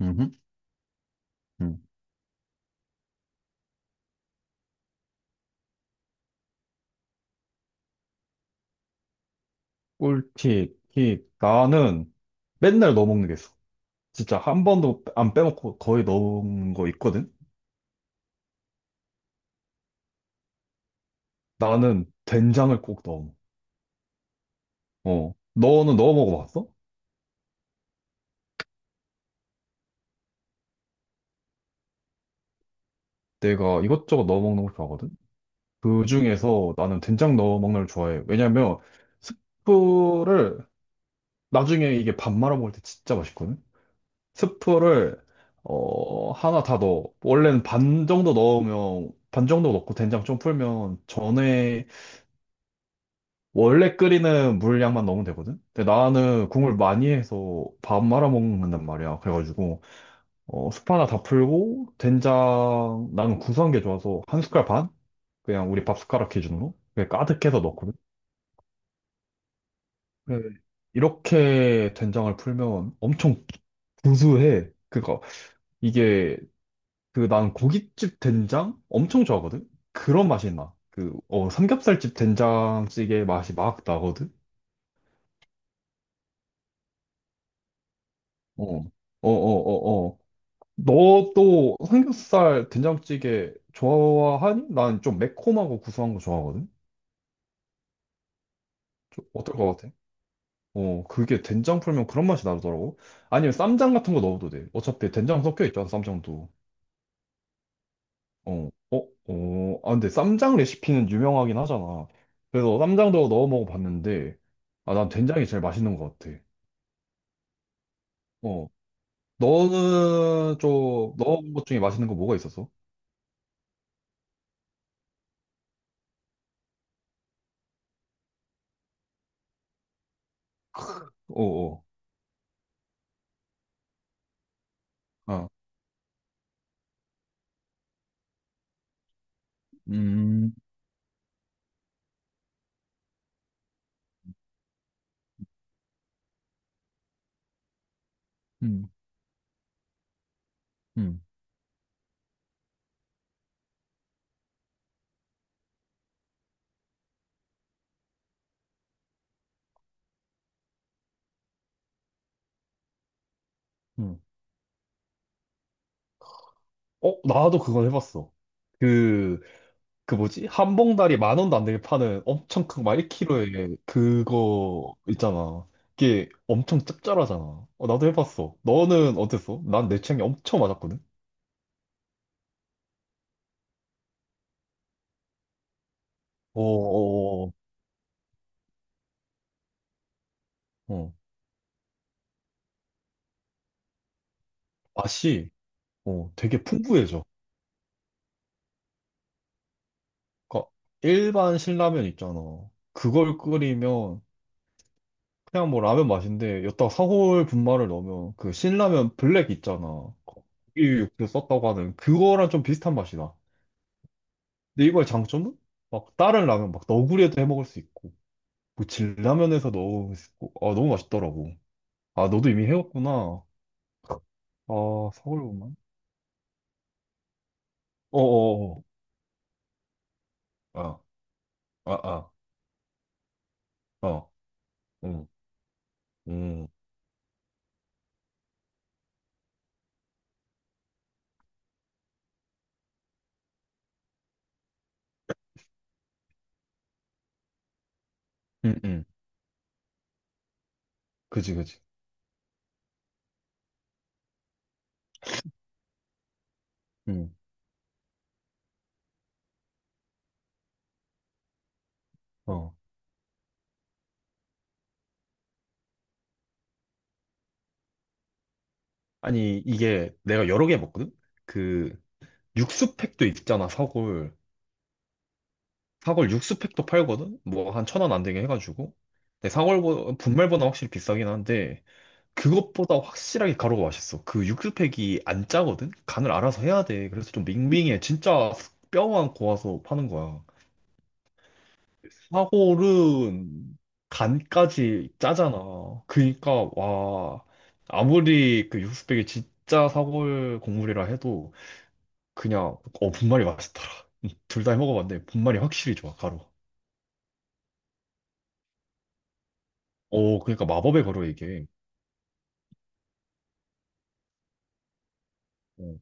음흠, 음. 꿀팁, 팁. 나는 맨날 넣어 먹는 게 있어. 진짜 한 번도 안 빼먹고 거의 넣어 먹는 거 있거든? 나는 된장을 꼭 넣어 먹어. 어. 너는 넣어 먹어봤어? 내가 이것저것 넣어 먹는 걸 좋아하거든? 그 중에서 나는 된장 넣어 먹는 걸 좋아해. 왜냐면 스프를 나중에 이게 밥 말아 먹을 때 진짜 맛있거든? 스프를 어, 하나 다 넣어. 원래는 반 정도 넣으면, 반 정도 넣고 된장 좀 풀면 전에 원래 끓이는 물 양만 넣으면 되거든? 근데 나는 국물 많이 해서 밥 말아 먹는단 말이야. 그래가지고, 어, 숯 하나 다 풀고, 된장, 나는 구수한 게 좋아서 한 숟갈 반? 그냥 우리 밥 숟가락 기준으로? 그냥 가득해서 넣거든? 네. 이렇게 된장을 풀면 엄청 구수해. 그니까, 이게, 그 난 고깃집 된장? 엄청 좋아하거든? 그런 맛이 나. 그, 어, 삼겹살집 된장찌개 맛이 막 나거든? 어, 어, 어, 어, 어. 너 또 삼겹살 된장찌개 좋아하니? 난 좀 매콤하고 구수한 거 좋아하거든? 좀 어떨 것 같아? 어, 그게 된장 풀면 그런 맛이 나더라고. 아니면 쌈장 같은 거 넣어도 돼. 어차피 된장 섞여 있잖아, 쌈장도. 어, 어, 어. 아, 근데 쌈장 레시피는 유명하긴 하잖아. 그래서 쌈장도 넣어 먹어봤는데, 아, 난 된장이 제일 맛있는 것 같아. 어. 너는 좀 넣어본 것 중에 맛있는 거 뭐가 있었어? 어, 어. 아. 음, 음, 음, 음. 어, 나도 그건 해봤어. 그, 뭐지? 한 봉다리 만 원도 안 되게 파는 엄청 큰, 막 1kg에 그거 있잖아. 이게 엄청 짭짤하잖아. 어, 나도 해봤어. 너는 어땠어? 난 내 취향이 엄청 맞았거든? 어, 어, 어, 어. 맛이, 어, 되게 풍부해져. 그러니까 일반 신라면 있잖아. 그걸 끓이면 그냥 뭐 라면 맛인데, 여기다가 사골 분말을 넣으면 그 신라면 블랙 있잖아. 그 고기 육수 썼다고 하는 그거랑 좀 비슷한 맛이다. 근데 이거의 장점은 막 다른 라면 막 너구리에도 해 먹을 수 있고 뭐 진라면에서 넣을 수 있고 아 너무 맛있더라고. 아 너도 이미 해왔구나. 아 서울로만? 어어어. 아 아 아. 어. 음. 음. 음. 음. 그지 그지. 음. 어. 아니 이게 내가 여러 개 먹거든. 그 육수팩도 있잖아 사골. 사골 육수팩도 팔거든. 뭐 한 1,000원 안 되게 해가지고. 근데 사골보 분말보다 확실히 비싸긴 한데. 그것보다 확실하게 가루가 맛있어. 그 육수팩이 안 짜거든? 간을 알아서 해야 돼. 그래서 좀 밍밍해. 진짜 뼈만 고아서 파는 거야. 사골은 간까지 짜잖아. 그니까, 와, 아무리 그 육수팩이 진짜 사골 국물이라 해도 그냥, 어, 분말이 맛있더라. 둘 다 해먹어봤는데 분말이 확실히 좋아, 가루. 어, 그러니까 마법의 가루 이게. 어.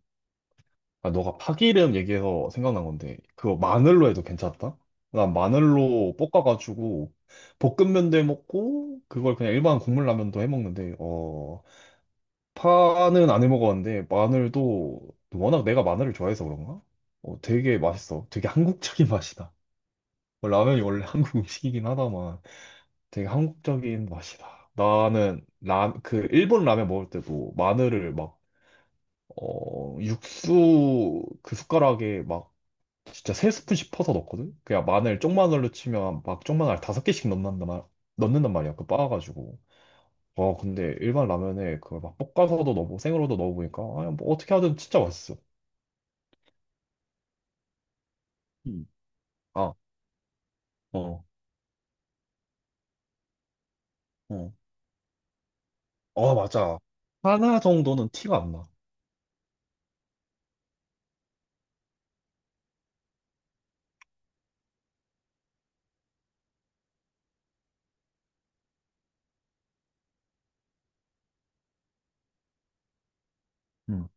아, 너가 파기름 얘기해서 생각난 건데, 그거 마늘로 해도 괜찮다? 난 마늘로 볶아가지고, 볶음면도 해 먹고, 그걸 그냥 일반 국물라면도 해 먹는데, 어, 파는 안 해 먹었는데, 마늘도, 워낙 내가 마늘을 좋아해서 그런가? 어, 되게 맛있어. 되게 한국적인 맛이다. 뭐 라면이 원래 한국 음식이긴 하다만, 되게 한국적인 맛이다. 나는, 그, 일본 라면 먹을 때도 마늘을 막, 어, 육수 그 숟가락에 막 진짜 세 스푼 씩 퍼서 넣거든? 그냥 마늘 쪽마늘로 치면 막 쪽마늘 다섯 개씩 넣는단 말이야. 그 빻아가지고. 와, 근데 일반 라면에 그걸 막 볶아서도 넣고 생으로도 넣어보니까, 아, 뭐 어떻게 하든 진짜 맛있어. 음. 아, 어, 어. 어 맞아. 하나 정도는 티가 안 나. 음.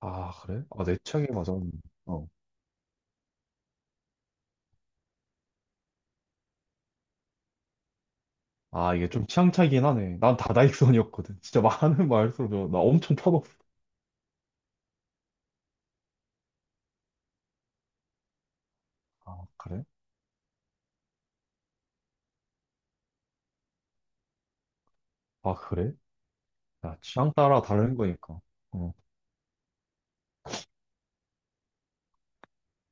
아, 그래? 아, 내 취향에 맞아. 어. 아, 이게 좀 취향 차이긴 하네. 난 다다익선이었거든. 진짜 많은 말수로 나 엄청 터졌어. 아, 그래? 아, 그래? 야, 취향 따라 다른 거니까. 어.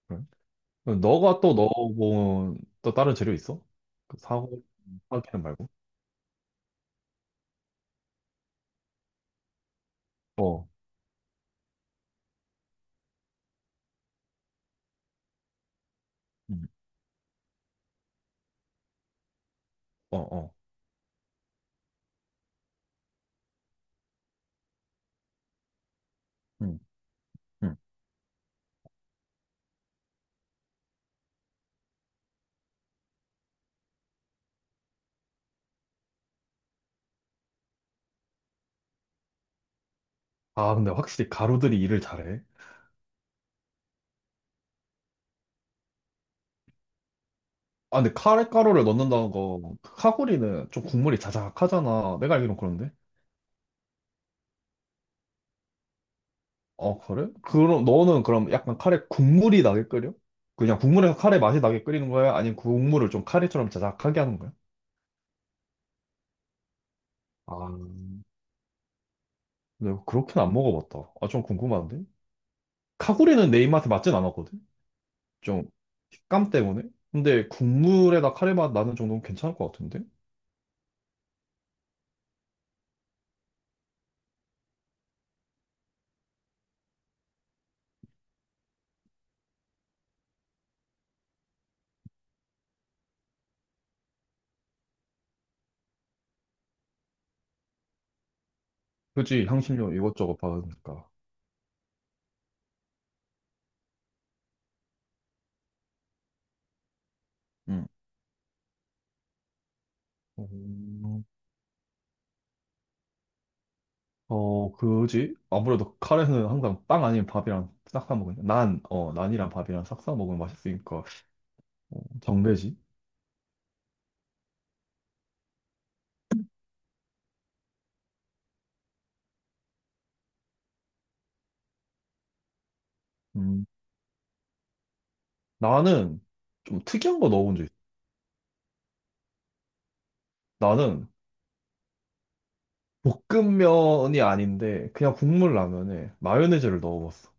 그래. 너가 또 넣어본 또 다른 재료 있어? 그 사고, 사기는 말고? 어, 음, 어, 어. 음, 음. 아, 근데 확실히 가루들이 일을 잘해. 아, 근데 카레가루를 넣는다는 거, 그 카구리는 좀 국물이 자작하잖아. 내가 알기론 그런데. 어, 그래? 그럼 너는 그럼 약간 카레 국물이 나게 끓여? 그냥 국물에서 카레 맛이 나게 끓이는 거야? 아니면 국물을 좀 카레처럼 자작하게 하는 거야? 아, 근데 그렇게는 안 먹어봤다. 아, 좀 궁금한데? 카구리는 내 입맛에 맞진 않았거든? 좀 식감 때문에? 근데 국물에다 카레 맛 나는 정도면 괜찮을 것 같은데? 그지? 향신료 이것저것 받으니까. 응. 음, 어, 그지? 아무래도 카레는 항상 빵 아니면 밥이랑 싹싸 먹으니까. 난, 어, 난이랑 밥이랑 싹싸 먹으면 맛있으니까. 어, 정배지? 음. 나는 좀 특이한 거 넣어본 적 있어. 나는 볶음면이 아닌데 그냥 국물 라면에 마요네즈를 넣어봤어.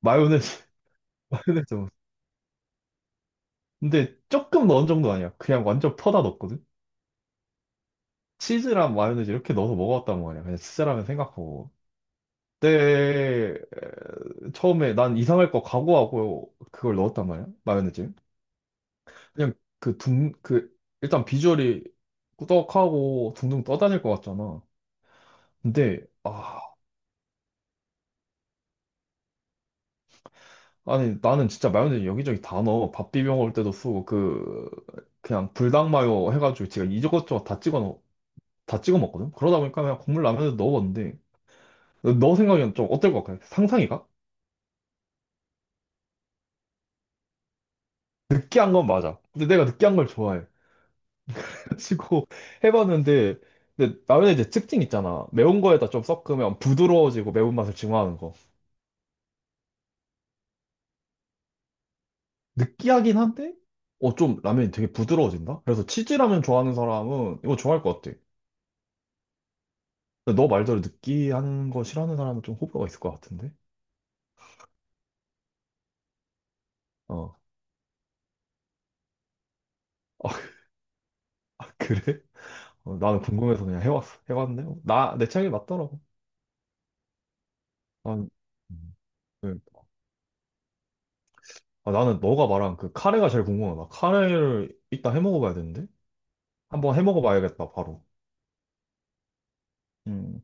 마요네즈, 마요네즈. 넣었어. 근데 조금 넣은 정도 아니야. 그냥 완전 퍼다 넣었거든? 치즈랑 마요네즈 이렇게 넣어서 먹어봤단 말이야. 그냥 치즈라면 생각하고. 그때 처음에 난 이상할 거 각오하고 그걸 넣었단 말이야. 마요네즈. 그냥 그 일단 비주얼이 꾸덕하고 둥둥 떠다닐 것 같잖아. 근데 아, 아니 나는 진짜 마요네즈 여기저기 다 넣어. 밥 비벼 먹을 때도 쓰고 그 그냥 불닭 마요 해가지고 제가 이것저것 다 찍어 먹거든. 그러다 보니까 그냥 국물 라면에 넣어봤는데 너 생각엔 좀 어떨 것 같아? 상상이가? 느끼한 건 맞아. 근데 내가 느끼한 걸 좋아해. 그래가지고 해봤는데, 근데 라면에 이제 특징 있잖아. 매운 거에다 좀 섞으면 부드러워지고 매운맛을 증화하는 거. 느끼하긴 한데, 어, 좀 라면이 되게 부드러워진다? 그래서 치즈라면 좋아하는 사람은 이거 좋아할 것 같아. 근데 너 말대로 느끼한 거 싫어하는 사람은 좀 호불호가 있을 것 같은데? 어. 아, 그래? 어, 나는 궁금해서 그냥 해왔어. 해봤는데, 어, 나, 내 취향이 맞더라고. 난, 음, 네. 아, 나는 너가 말한 그 카레가 제일 궁금하다. 카레를 이따 해 먹어봐야 되는데? 한번 해 먹어봐야겠다, 바로. 음.